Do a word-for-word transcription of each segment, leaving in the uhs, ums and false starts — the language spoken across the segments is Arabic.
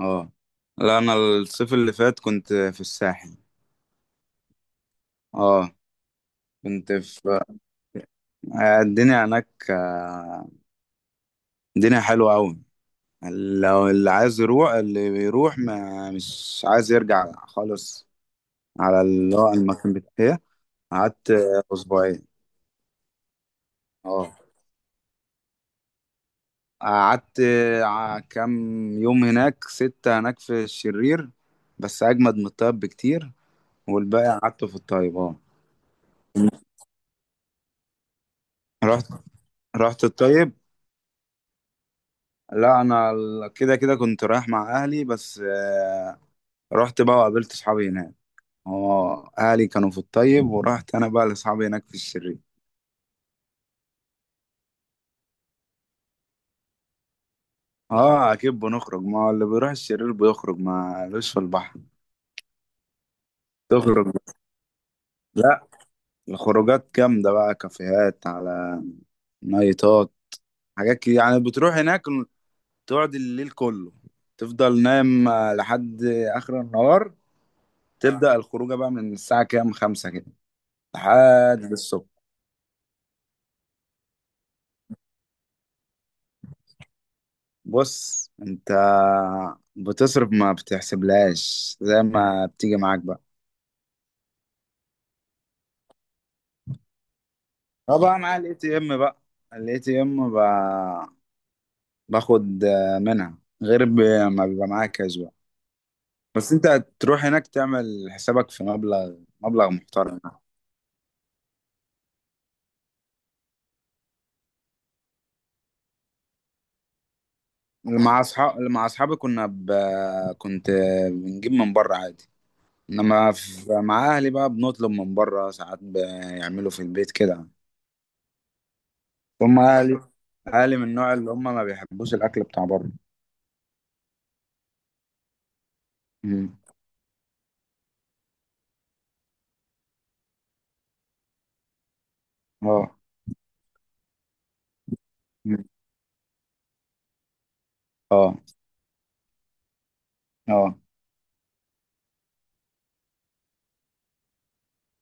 اه. لا، انا الصيف اللي فات كنت في الساحل. اه، كنت في آه، الدنيا هناك، آه، الدنيا حلوة قوي. لو اللي عايز يروح اللي بيروح ما مش عايز يرجع خالص، على اللي هو المكان بتاعي. قعدت آه، اسبوعين. اه. قعدت آه، كام يوم هناك، ستة، هناك في الشرير، بس اجمد من الطيب بكتير، والباقي قعدته في الطيب. اه. رحت رحت الطيب. لا انا ال- كده كده كنت رايح مع اهلي بس، آه، رحت بقى وقابلت اصحابي هناك. اه، اهلي كانوا في الطيب ورحت انا بقى لاصحابي هناك في الشرير. اه، اكيد بنخرج، ما هو اللي بيروح الشرير بيخرج، ما لوش في البحر. تخرج لا، الخروجات جامده بقى، كافيهات، على نايتات، حاجات كده يعني. بتروح هناك تقعد الليل كله، تفضل نايم آه، لحد اخر النهار. تبدأ الخروجه بقى من الساعه كام، خمسة كده، لحد الصبح. بص انت بتصرف، ما بتحسبلهاش، زي ما بتيجي معاك بقى. اه، بقى معايا الاي تي ام بقى، الاي تي ام، باخد آه، منها، غير ب- ما بيبقى معاك كاش بقى. بس انت تروح هناك تعمل حسابك في مبلغ مبلغ محترم يعني. اللي مع اصحاب اللي مع اصحابي كنا ب... كنت بنجيب من بره عادي. انما في... مع اهلي بقى، بنطلب من بره، ساعات بيعملوا في البيت كده. هم عالي، عالي من النوع اللي هم ما بيحبوش الاكل بتاع بره. مم. اه. مم. اه. اه.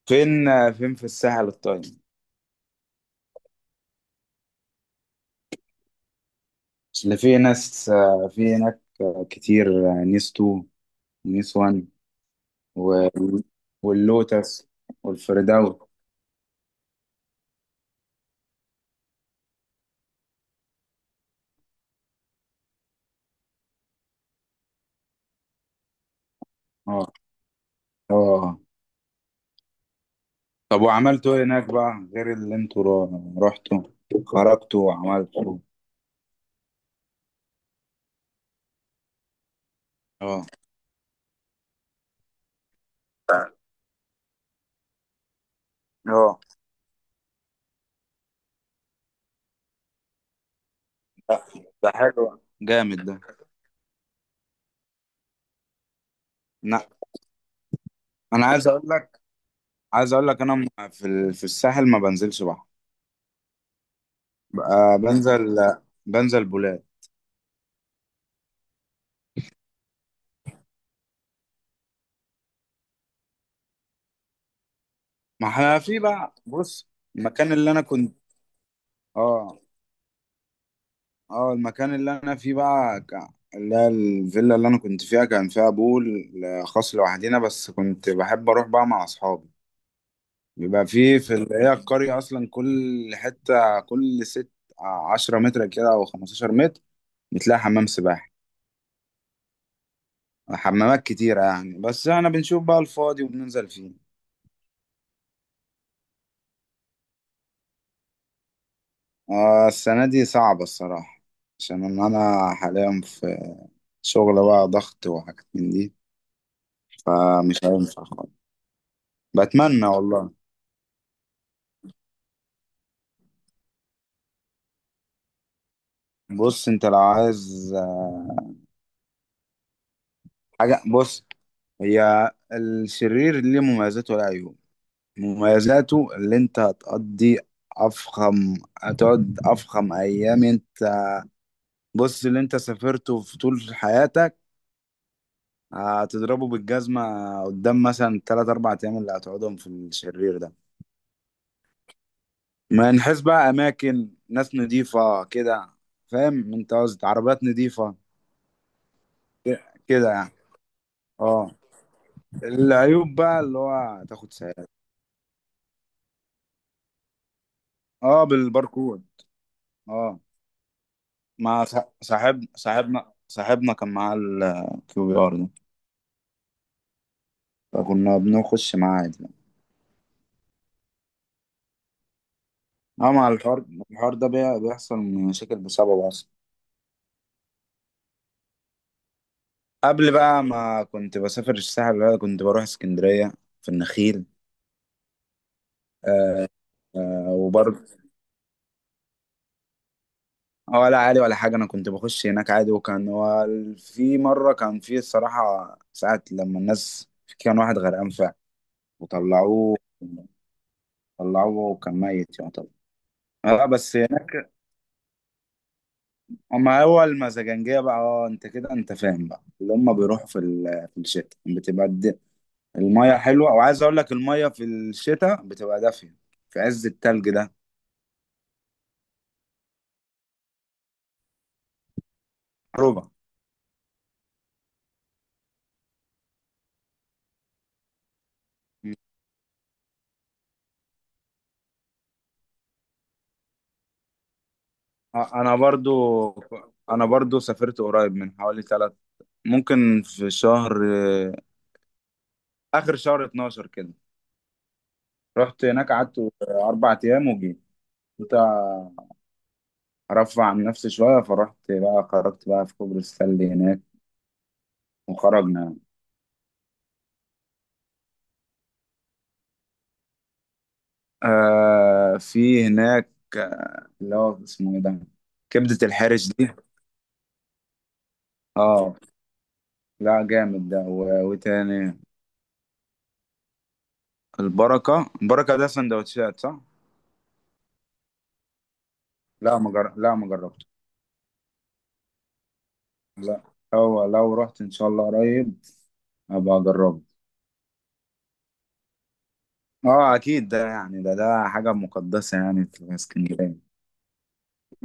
فين؟ فين في الساحل الطيب؟ اللي في ناس آه، في هناك آه، كتير، آه، نيس تو ونيس وان و- واللوتس والفردوس. اه. اه. طب وعملتوا ايه هناك بقى غير اللي انتوا رو- رحتوا، خرجتوا وعملتوا؟ اه. اه. ده ده حلو، جامد ده. انا أنا عايز اقول لك، عايز اقول لك انا م- في ال- في الساحل ما بنزلش بحر بقى، آه، بنزل، بنزل بولاد. ما احنا في بقى. بص المكان اللي انا كنت. اه. اه، المكان اللي انا فيه بقى ك- اللي هي الفيلا اللي انا كنت فيها كان فيها بول آه، خاص لوحدينا، بس كنت بحب اروح بقى مع اصحابي. بيبقى فيه في اللي هي القرية اصلا، كل حتة، كل ست آه، عشرة متر كده او خمستاشر متر بتلاقي حمام سباحة، حمامات كتيرة يعني، بس احنا بنشوف بقى الفاضي وبننزل فيه. آه السنة دي صعبة الصراحة، عشان إن أنا حاليا في شغل بقى، ضغط وحاجات من دي، فمش هينفع خالص. بتمنى والله. بص أنت لو عايز، آه، حاجة، بص، هي الشرير ليه مميزاته وله عيوب. مميزاته اللي أنت هتقضي، أفخم هتقعد أفخم أيام أنت. بص، اللي أنت سافرته في طول حياتك هتضربه بالجزمة قدام مثلا تلات أربع أيام اللي هتقعدهم في الشرير ده. ما نحس بقى، اماكن، ناس نضيفه كده، فاهم انت قصدي، عربيات نضيفه ك- كده يعني. اه، العيوب بقى اللي هو تاخد ساعات. اه، بالباركود. اه، مع صاح- صاحب، صاحبنا صاحبنا كان معاه الكيو بي ار ده، فكنا بنخش معاه عادي يعني. اه، مع الحوار الحوار ده بي- بيحصل مشاكل بسببه اصلا. قبل بقى ما كنت بسافر الساحل، بقى كنت بروح اسكندرية، في النخيل. آه. آه. ولا عالي ولا حاجة، أنا كنت بخش هناك عادي، وكان هو ال- في مرة كان، في الصراحة ساعة لما الناس، كان واحد غرقان فعلا وطلعوه، طلعوه وكان ميت يعتبر. اه، بس هناك. أما هو المزاجنجية بقى، اه أنت كده أنت فاهم بقى، اللي هما بيروحوا في ال- في الشتاء بتبقى الد- المية حلوة، وعايز أقول لك المية في الشتاء بتبقى دافية في عز التلج ده. ربع. أنا برضو أنا برضو سافرت قريب، من حوالي ثلاث، ممكن في شهر، آخر شهر اتناشر كده، رحت هناك، قعدت أربع أيام وجيت. كنت أرفع عن نفسي شوية، فرحت بقى، خرجت بقى في كوبري السلة هناك وخرجنا يعني. آه في هناك، آه، اللي هو اسمه إيه ده، كبدة الحارس دي. اه، لا جامد ده و... وتاني. البركة، البركة ده سندوتشات صح؟ لا ما مجر... لا ما جربته. لا، هو لو رحت إن شاء الله قريب أبقى أجربه. اه اكيد ده يعني، ده ده حاجه مقدسه يعني في اسكندريه.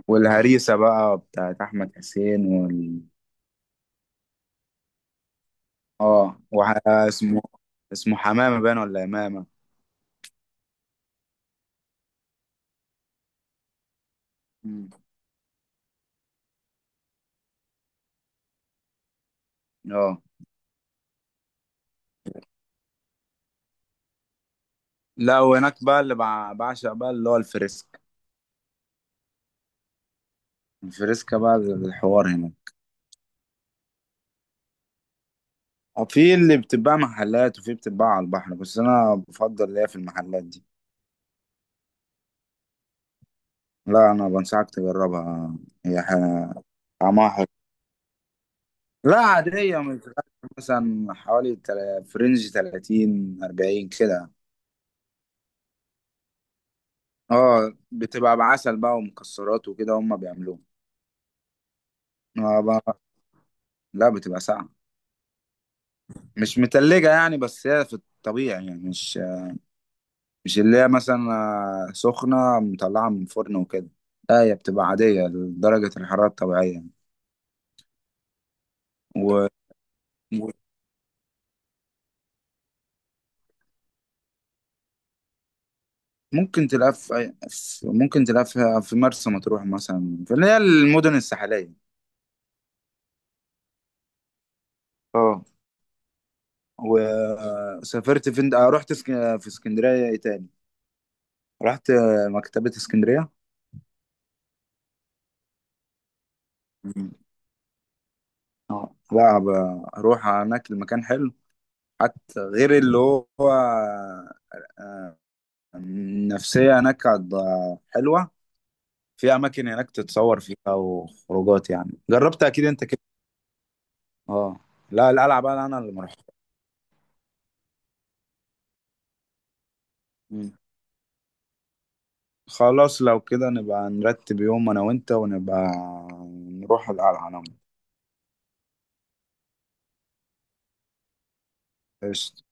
والهريسه بقى بتاعت احمد حسين وال اه وح... اسمه اسمه حمامه باين ولا امامه. مم. اه، لا وهناك بقى اللي بع- بعشق بقى اللي هو الفريسك، الفريسكا بقى الحوار هنا. آه، في اللي بتتباع محلات وفي بتتباع على البحر، بس انا بفضل ليا في المحلات دي. لا انا بنصحك تجربها، هي ح- طعمها حلو. لا عادية، من مثلا حوالي تل- في رينج تلاتين أربعين كده. اه، بتبقى بعسل بقى ومكسرات وكده، هم بيعملوها. آه بقى. لا بتبقى ساقعة، مش متلجة يعني، بس هي في الطبيعي يعني، مش مش اللي هي مثلا آه، سخنة مطلعة من فرن وكده، لا هي بتبقى عادية لدرجة الحرارة الطبيعية. و... ممكن تلاقيها في أي- في- ممكن تلاقيها في في مرسى مطروح مثلا، في اللي هي المدن الساحلية. اه، وسافرت فين، آه، رحت اسك... في اسكندرية إيه تاني، رحت آه، مكتبة اسكندرية. مم. اه، لا ب- اروح هناك المكان حلو، حتى غير اللي هو، آه، النفسية هناك عض- حلوة. في أماكن هناك تتصور فيها وخروجات يعني، جربت أكيد أنت كده. اه، لا القلعة بقى أنا اللي مروح. مم. خلاص لو كده نبقى نرتب يوم أنا وأنت، ونبقى نروح القلعة أنا وأنت. قشطة.